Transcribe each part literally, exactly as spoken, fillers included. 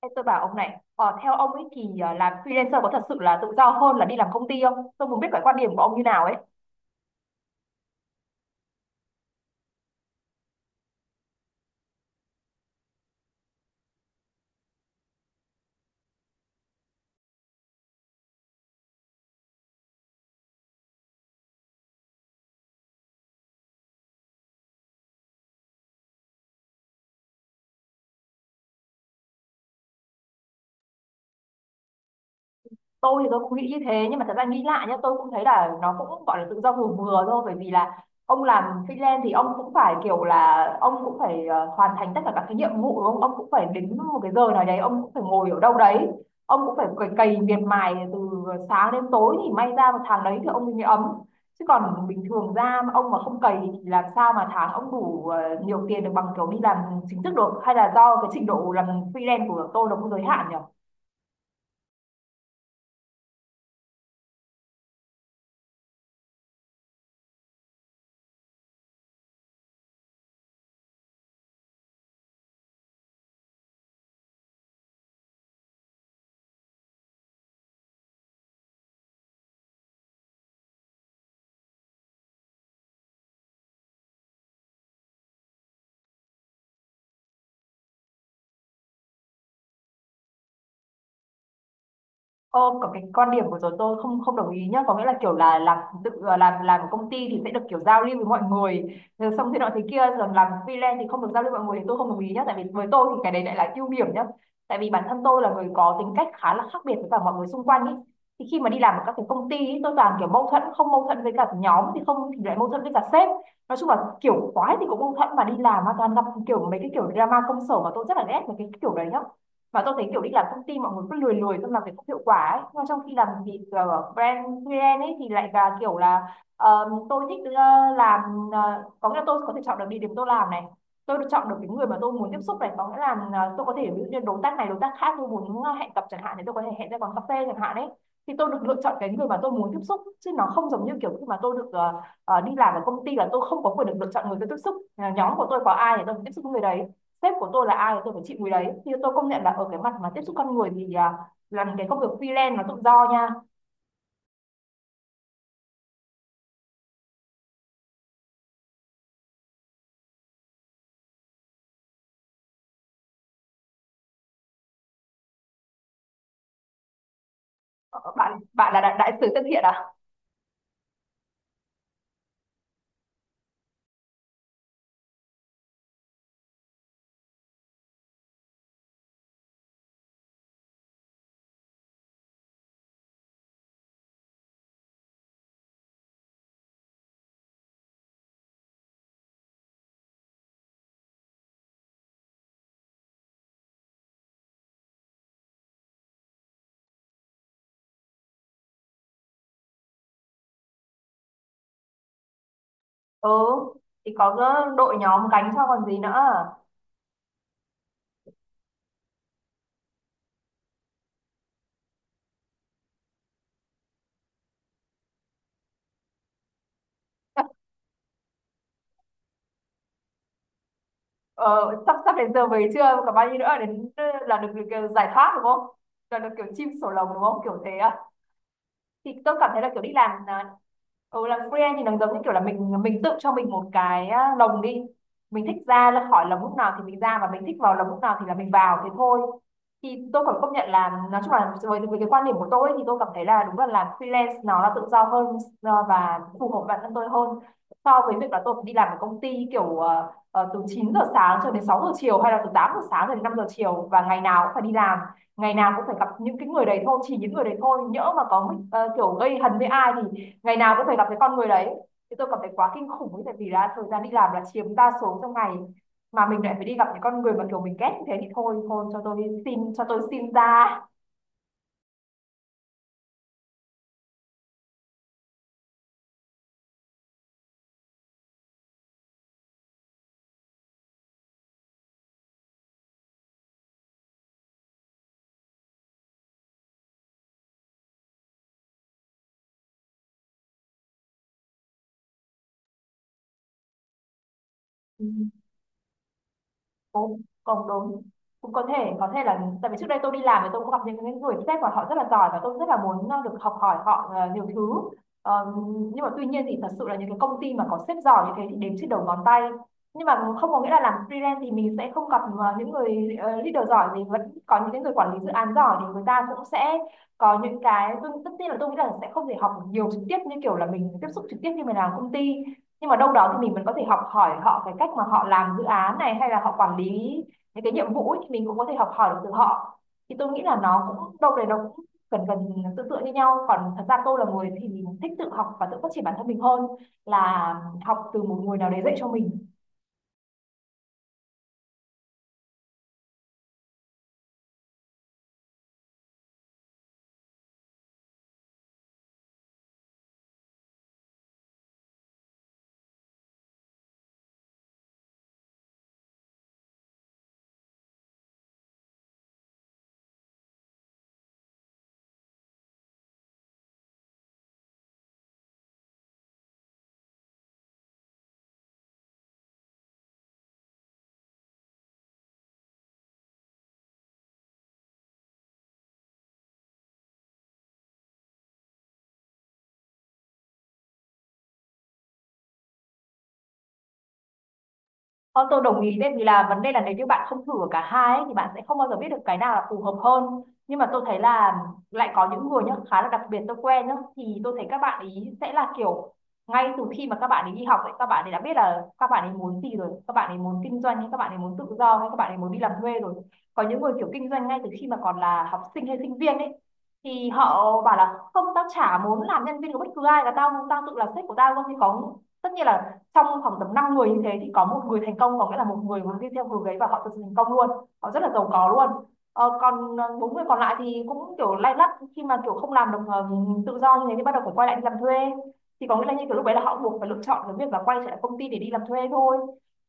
Ê, tôi bảo ông này, ờ, theo ông ấy thì ờ, làm freelancer có thật sự là tự do hơn là đi làm công ty không? Tôi muốn biết cái quan điểm của ông như nào ấy. Tôi thì tôi cũng nghĩ như thế, nhưng mà thật ra nghĩ lại nhá, tôi cũng thấy là nó cũng gọi là tự do vừa vừa thôi, bởi vì là ông làm freelance thì ông cũng phải kiểu là ông cũng phải ờ, hoàn thành tất cả các cái nhiệm vụ đúng không, ông cũng phải đến một cái giờ nào đấy, ông cũng phải ngồi ở đâu đấy, ông cũng phải cày, cày miệt mài từ sáng đến tối thì may ra một tháng đấy thì ông mới ấm. Chứ còn bình thường ra mà ông mà không cày thì làm sao mà tháng ông đủ ờ, nhiều tiền được bằng kiểu đi làm chính thức được, hay là do cái trình độ làm freelance của tôi nó cũng giới hạn nhỉ. Ờ, có cái quan điểm của tớ tôi không không đồng ý nhá, có nghĩa là kiểu là làm tự làm làm ở công ty thì sẽ được kiểu giao lưu với mọi người rồi xong thế nọ thế kia, rồi làm freelance thì không được giao lưu với mọi người, thì tôi không đồng ý nhá, tại vì với tôi thì cái đấy lại là ưu điểm nhá. Tại vì bản thân tôi là người có tính cách khá là khác biệt với cả mọi người xung quanh ý, thì khi mà đi làm ở các cái công ty ý, tôi toàn kiểu mâu thuẫn, không mâu thuẫn với cả nhóm thì không thì lại mâu thuẫn với cả sếp. Nói chung là kiểu quái thì cũng mâu thuẫn, mà đi làm mà toàn gặp kiểu mấy cái kiểu drama công sở mà tôi rất là ghét mấy cái kiểu đấy nhá. Và tôi thấy kiểu đi làm công ty mọi người cứ lười lười xong làm việc không hiệu quả ấy. Nhưng mà trong khi làm việc ờ, brand freelance ấy thì lại là kiểu là ờ, tôi thích, ờ, làm, ờ, có nghĩa là tôi có thể chọn được địa điểm tôi làm này, tôi được chọn được cái người mà tôi muốn tiếp xúc này, có nghĩa là ờ, tôi có thể ví dụ như đối tác này đối tác khác tôi muốn uh, hẹn gặp chẳng hạn, thì tôi có thể hẹn ra quán cà phê chẳng hạn ấy. Thì tôi được lựa chọn cái người mà tôi muốn tiếp xúc, chứ nó không giống như kiểu khi mà tôi được ờ, ờ, đi làm ở công ty là tôi không có quyền được lựa chọn người tôi tiếp xúc. Uh, nhóm của tôi có ai thì tôi tiếp xúc với người đấy, sếp của tôi là ai thì tôi phải chịu mùi đấy. Thì tôi công nhận là ở cái mặt mà tiếp xúc con người thì à, làm cái công việc freelance nó tự do nha. Ờ, bạn bạn là đại, đại sứ thân thiện à. Ừ, thì có ờ, đội nhóm gánh cho còn gì nữa. ờ, sắp sắp đến giờ về chưa, còn bao nhiêu nữa đến là được, được, được giải thoát đúng không, là được kiểu chim sổ lồng đúng không, kiểu thế à. Thì tôi cảm thấy là kiểu đi làm à, ừ làm freelance thì nó giống như kiểu là mình mình tự cho mình một cái á, lồng đi, mình thích ra là khỏi lồng lúc nào thì mình ra, và mình thích vào lồng lúc nào thì là mình vào thế thôi. Thì tôi phải công nhận là nói chung là với, với cái quan điểm của tôi ấy, thì tôi cảm thấy là đúng là làm freelance nó là tự do hơn ờ, và phù hợp bản thân tôi hơn, so với việc là tôi phải đi làm ở công ty kiểu ờ, ờ, từ chín giờ sáng cho đến sáu giờ chiều, hay là từ tám giờ sáng cho đến năm giờ chiều, và ngày nào cũng phải đi làm, ngày nào cũng phải gặp những cái người đấy thôi, chỉ những người đấy thôi, nhỡ mà có ờ, kiểu gây hấn với ai thì ngày nào cũng phải gặp cái con người đấy, thì tôi cảm thấy quá kinh khủng ấy, tại vì là thời gian đi làm là chiếm đa số trong ngày, mà mình lại phải đi gặp những con người mà kiểu mình ghét như thế thì thôi thôi cho tôi xin, cho tôi xin ra. Cũng, còn đúng, cũng có thể có thể là tại vì trước đây tôi đi làm thì tôi cũng gặp những những người sếp mà họ rất là giỏi, và tôi rất là muốn ờ, được học hỏi họ ờ, nhiều thứ. Ờ, nhưng mà tuy nhiên thì thật sự là những cái công ty mà có sếp giỏi như thế thì đếm trên đầu ngón tay, nhưng mà không có nghĩa là làm freelance thì mình sẽ không gặp ờ, những người ờ, leader giỏi, thì vẫn có những cái người quản lý dự án giỏi thì người ta cũng sẽ có những cái, tôi tất nhiên là tôi nghĩ là sẽ không thể học nhiều trực tiếp như kiểu là mình tiếp xúc trực tiếp như mình làm công ty, nhưng mà đâu đó thì mình vẫn có thể học hỏi họ cái cách mà họ làm dự án này, hay là họ quản lý những cái nhiệm vụ ấy, thì mình cũng có thể học hỏi được từ họ. Thì tôi nghĩ là nó cũng đâu đấy nó cũng cần gần tương tự như nhau, còn thật ra tôi là người thì mình thích tự học và tự phát triển bản thân mình hơn là học từ một người nào đấy dạy cho mình. Không, tôi đồng ý đấy, vì là vấn đề là nếu như bạn không thử ở cả hai ấy, thì bạn sẽ không bao giờ biết được cái nào là phù hợp hơn. Nhưng mà tôi thấy là lại có những người nhá, khá là đặc biệt tôi quen nhá, thì tôi thấy các bạn ý sẽ là kiểu ngay từ khi mà các bạn ấy đi học ấy, các bạn ấy đã biết là các bạn ấy muốn gì rồi, các bạn ấy muốn kinh doanh, hay các bạn ấy muốn tự do, hay các bạn ấy muốn đi làm thuê rồi. Có những người kiểu kinh doanh ngay từ khi mà còn là học sinh hay sinh viên ấy, thì họ bảo là không, tao chả muốn làm nhân viên của bất cứ ai, là tao tao tự là sếp của tao luôn. Thì có, tất nhiên là trong khoảng tầm năm người như thế thì có một người thành công, có nghĩa là một người muốn đi theo hướng đấy và họ thực sự thành công luôn, họ rất là giàu có luôn. Ờ, còn ờ, bốn người còn lại thì cũng kiểu lay lắt, khi mà kiểu không làm được ờ, tự do như thế thì bắt đầu phải quay lại đi làm thuê, thì có nghĩa là như kiểu lúc đấy là họ buộc phải lựa chọn cái việc là quay trở lại công ty để đi làm thuê thôi.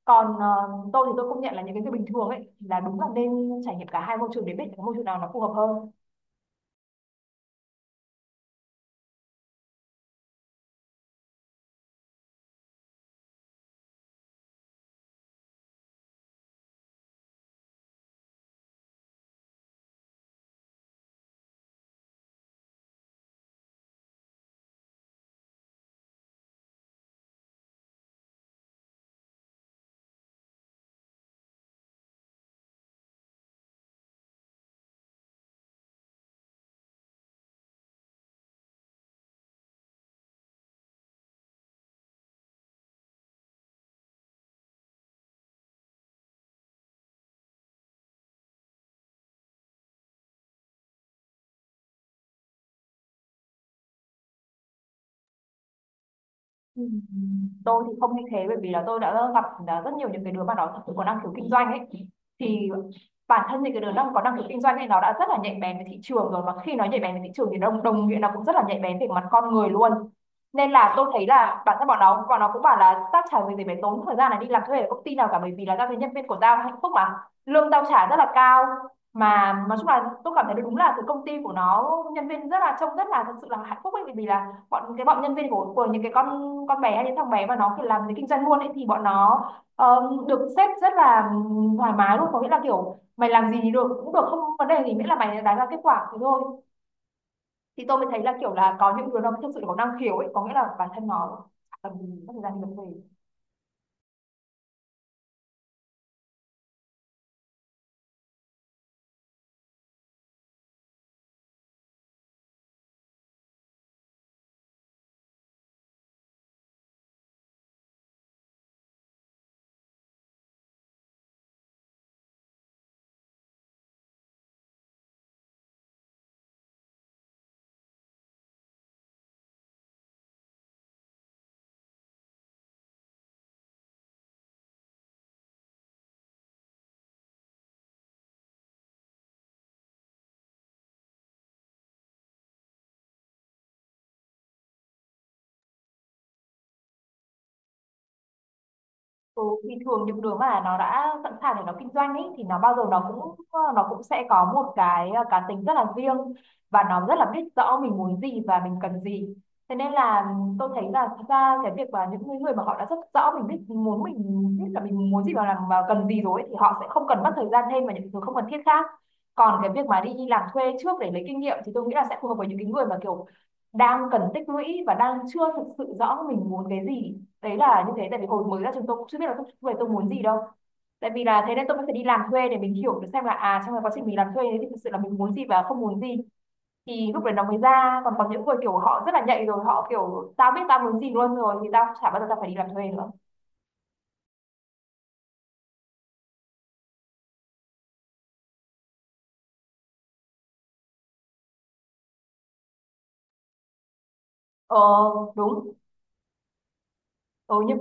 Còn ờ, tôi thì tôi công nhận là những cái việc bình thường ấy là đúng là nên trải nghiệm cả hai môi trường để biết cái môi trường nào nó phù hợp hơn. Ừ. Tôi thì không như thế bởi vì là tôi đã gặp à, rất nhiều những cái đứa mà nó thật sự có năng khiếu kinh doanh ấy. Thì bản thân những cái đứa đang có năng khiếu kinh doanh thì nó đã rất là nhạy bén với thị trường rồi, mà khi nó nhạy bén với thị trường thì đồng đồng nghĩa là cũng rất là nhạy bén về mặt con người luôn. Nên là tôi thấy là bản thân bọn nó bọn nó cũng bảo là tao chả vì gì phải tốn thời gian này đi làm thuê ở công ty nào cả, bởi vì là tao thấy nhân viên của tao hạnh phúc mà, lương tao trả rất là cao. Mà nói chung là tôi cảm thấy đúng là cái công ty của nó nhân viên rất là, trông rất là thật sự là hạnh phúc ấy, bởi vì là bọn, cái bọn nhân viên của của những cái con con bé hay những thằng bé mà nó kiểu làm cái kinh doanh luôn ấy, thì bọn nó ờ, được sếp rất là thoải mái luôn, có nghĩa là kiểu mày làm gì thì được, cũng được, không vấn đề gì, miễn là mày đạt ra kết quả thì thôi. Thì tôi mới thấy là kiểu là có những đứa nó thực sự có năng khiếu ấy, có nghĩa là bản thân nó chả cần gì mất thời gian đi vấn đề. Ừ, thì thường những đứa mà nó đã sẵn sàng để nó kinh doanh ấy thì nó bao giờ nó cũng, nó cũng sẽ có một cái ờ, cá tính rất là riêng, và nó rất là biết rõ mình muốn gì và mình cần gì. Thế nên là tôi thấy là thật ra cái việc mà những người người mà họ đã rất rõ mình biết muốn mình, biết là mình muốn gì và làm và cần gì rồi ấy, thì họ sẽ không cần mất thời gian thêm vào những thứ không cần thiết khác. Còn cái việc mà đi làm thuê trước để lấy kinh nghiệm thì tôi nghĩ là sẽ phù hợp với những cái người mà kiểu đang cần tích lũy và đang chưa thực sự rõ mình muốn cái gì. Đấy là như thế, tại vì hồi mới ra trường tôi cũng chưa biết là tôi, tôi muốn gì đâu. Tại vì là thế nên tôi mới phải đi làm thuê để mình hiểu được xem là à, trong cái quá trình mình làm thuê đấy thì thực sự là mình muốn gì và không muốn gì, thì lúc đấy nó mới ra. Còn có những người kiểu họ rất là nhạy rồi, họ kiểu tao biết tao muốn gì luôn rồi thì tao chả bao giờ tao phải đi làm thuê nữa. Ờ, đúng. Ừ, nhưng.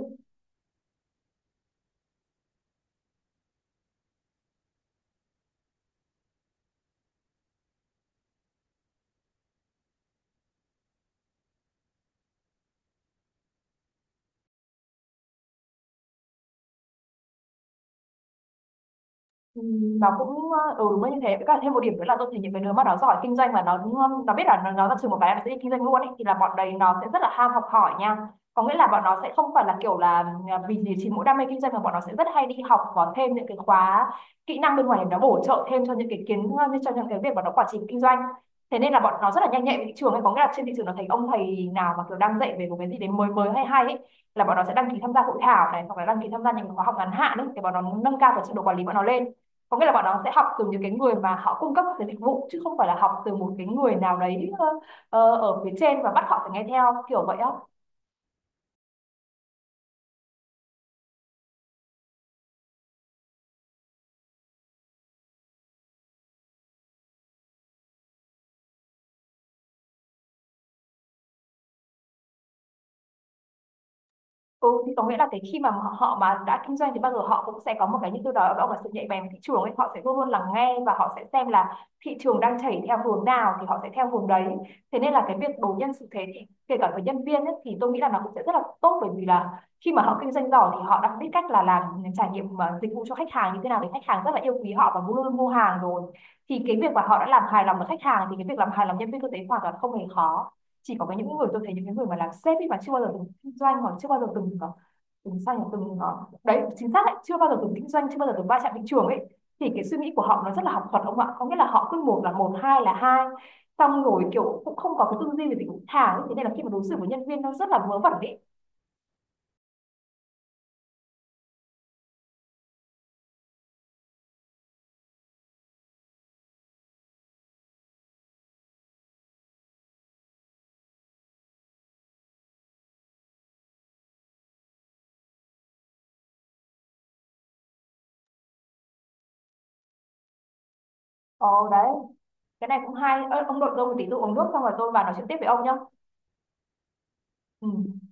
Ừ, nó cũng ờ, ừ, đúng là như thế, với cả thêm một điểm nữa là tôi thấy những cái đứa mà nó giỏi kinh doanh mà nó nó biết là nó, nó ra trường một cái là nó sẽ đi kinh doanh luôn ấy, thì là bọn đấy nó sẽ rất là ham học hỏi nha. Có nghĩa là bọn nó sẽ không phải là kiểu là ừ, vì gì chỉ mỗi đam mê kinh doanh, mà bọn nó sẽ rất hay đi học, có thêm những cái khóa kỹ năng bên ngoài để nó bổ trợ thêm cho những cái kiến, như cho những cái việc mà nó quản trị kinh doanh. Thế nên là bọn nó rất là nhanh nhạy với thị trường ấy, có nghĩa là trên thị trường nó thấy ông thầy nào mà kiểu đang dạy về một cái gì đấy mới mới hay hay ấy, là bọn nó sẽ đăng ký tham gia hội thảo này, hoặc là đăng ký tham gia những khóa học ngắn hạn ấy, để bọn nó nâng cao cái trình độ quản lý bọn nó lên. Có nghĩa là bọn nó sẽ học từ những cái người mà họ cung cấp cái dịch vụ, chứ không phải là học từ một cái người nào đấy ờ, ờ, ở phía trên và bắt họ phải nghe theo kiểu vậy á. Ừ, thì có nghĩa là cái khi mà họ họ mà đã kinh doanh thì bao giờ họ cũng sẽ có một cái như tôi nói, đó là sự nhạy bén của thị trường ấy. Họ sẽ luôn luôn lắng nghe và họ sẽ xem là thị trường đang chảy theo hướng nào thì họ sẽ theo hướng đấy. Thế nên là cái việc đối nhân xử thế thì kể cả với nhân viên ấy, thì tôi nghĩ là nó cũng sẽ rất là tốt, bởi vì là khi mà họ kinh doanh giỏi thì họ đã biết cách là làm trải nghiệm mà dịch vụ cho khách hàng như thế nào để khách hàng rất là yêu quý họ và luôn luôn mua hàng rồi. Thì cái việc mà họ đã làm hài lòng được khách hàng thì cái việc làm hài lòng nhân viên tôi thấy hoàn toàn không hề khó. Chỉ có cái, những người tôi thấy những cái người mà làm sếp ấy mà chưa bao giờ từng kinh doanh, hoặc chưa bao giờ từng ờ, từng sao nhỉ, từng ờ, đấy, chính xác đấy, chưa bao giờ từng kinh doanh, chưa bao giờ từng va chạm thị trường ấy, thì cái suy nghĩ của họ nó rất là học thuật ông ạ, có nghĩa là họ cứ một là một hai là hai, xong rồi kiểu cũng không có cái tư duy về tính thả ấy. Thế nên là khi mà đối xử với nhân viên nó rất là vớ vẩn ấy. Ồ đấy, cái này cũng hay. Ơ, ông nội tôi một tí, tôi uống nước xong rồi tôi vào nói chuyện tiếp với ông nhá. Ừ.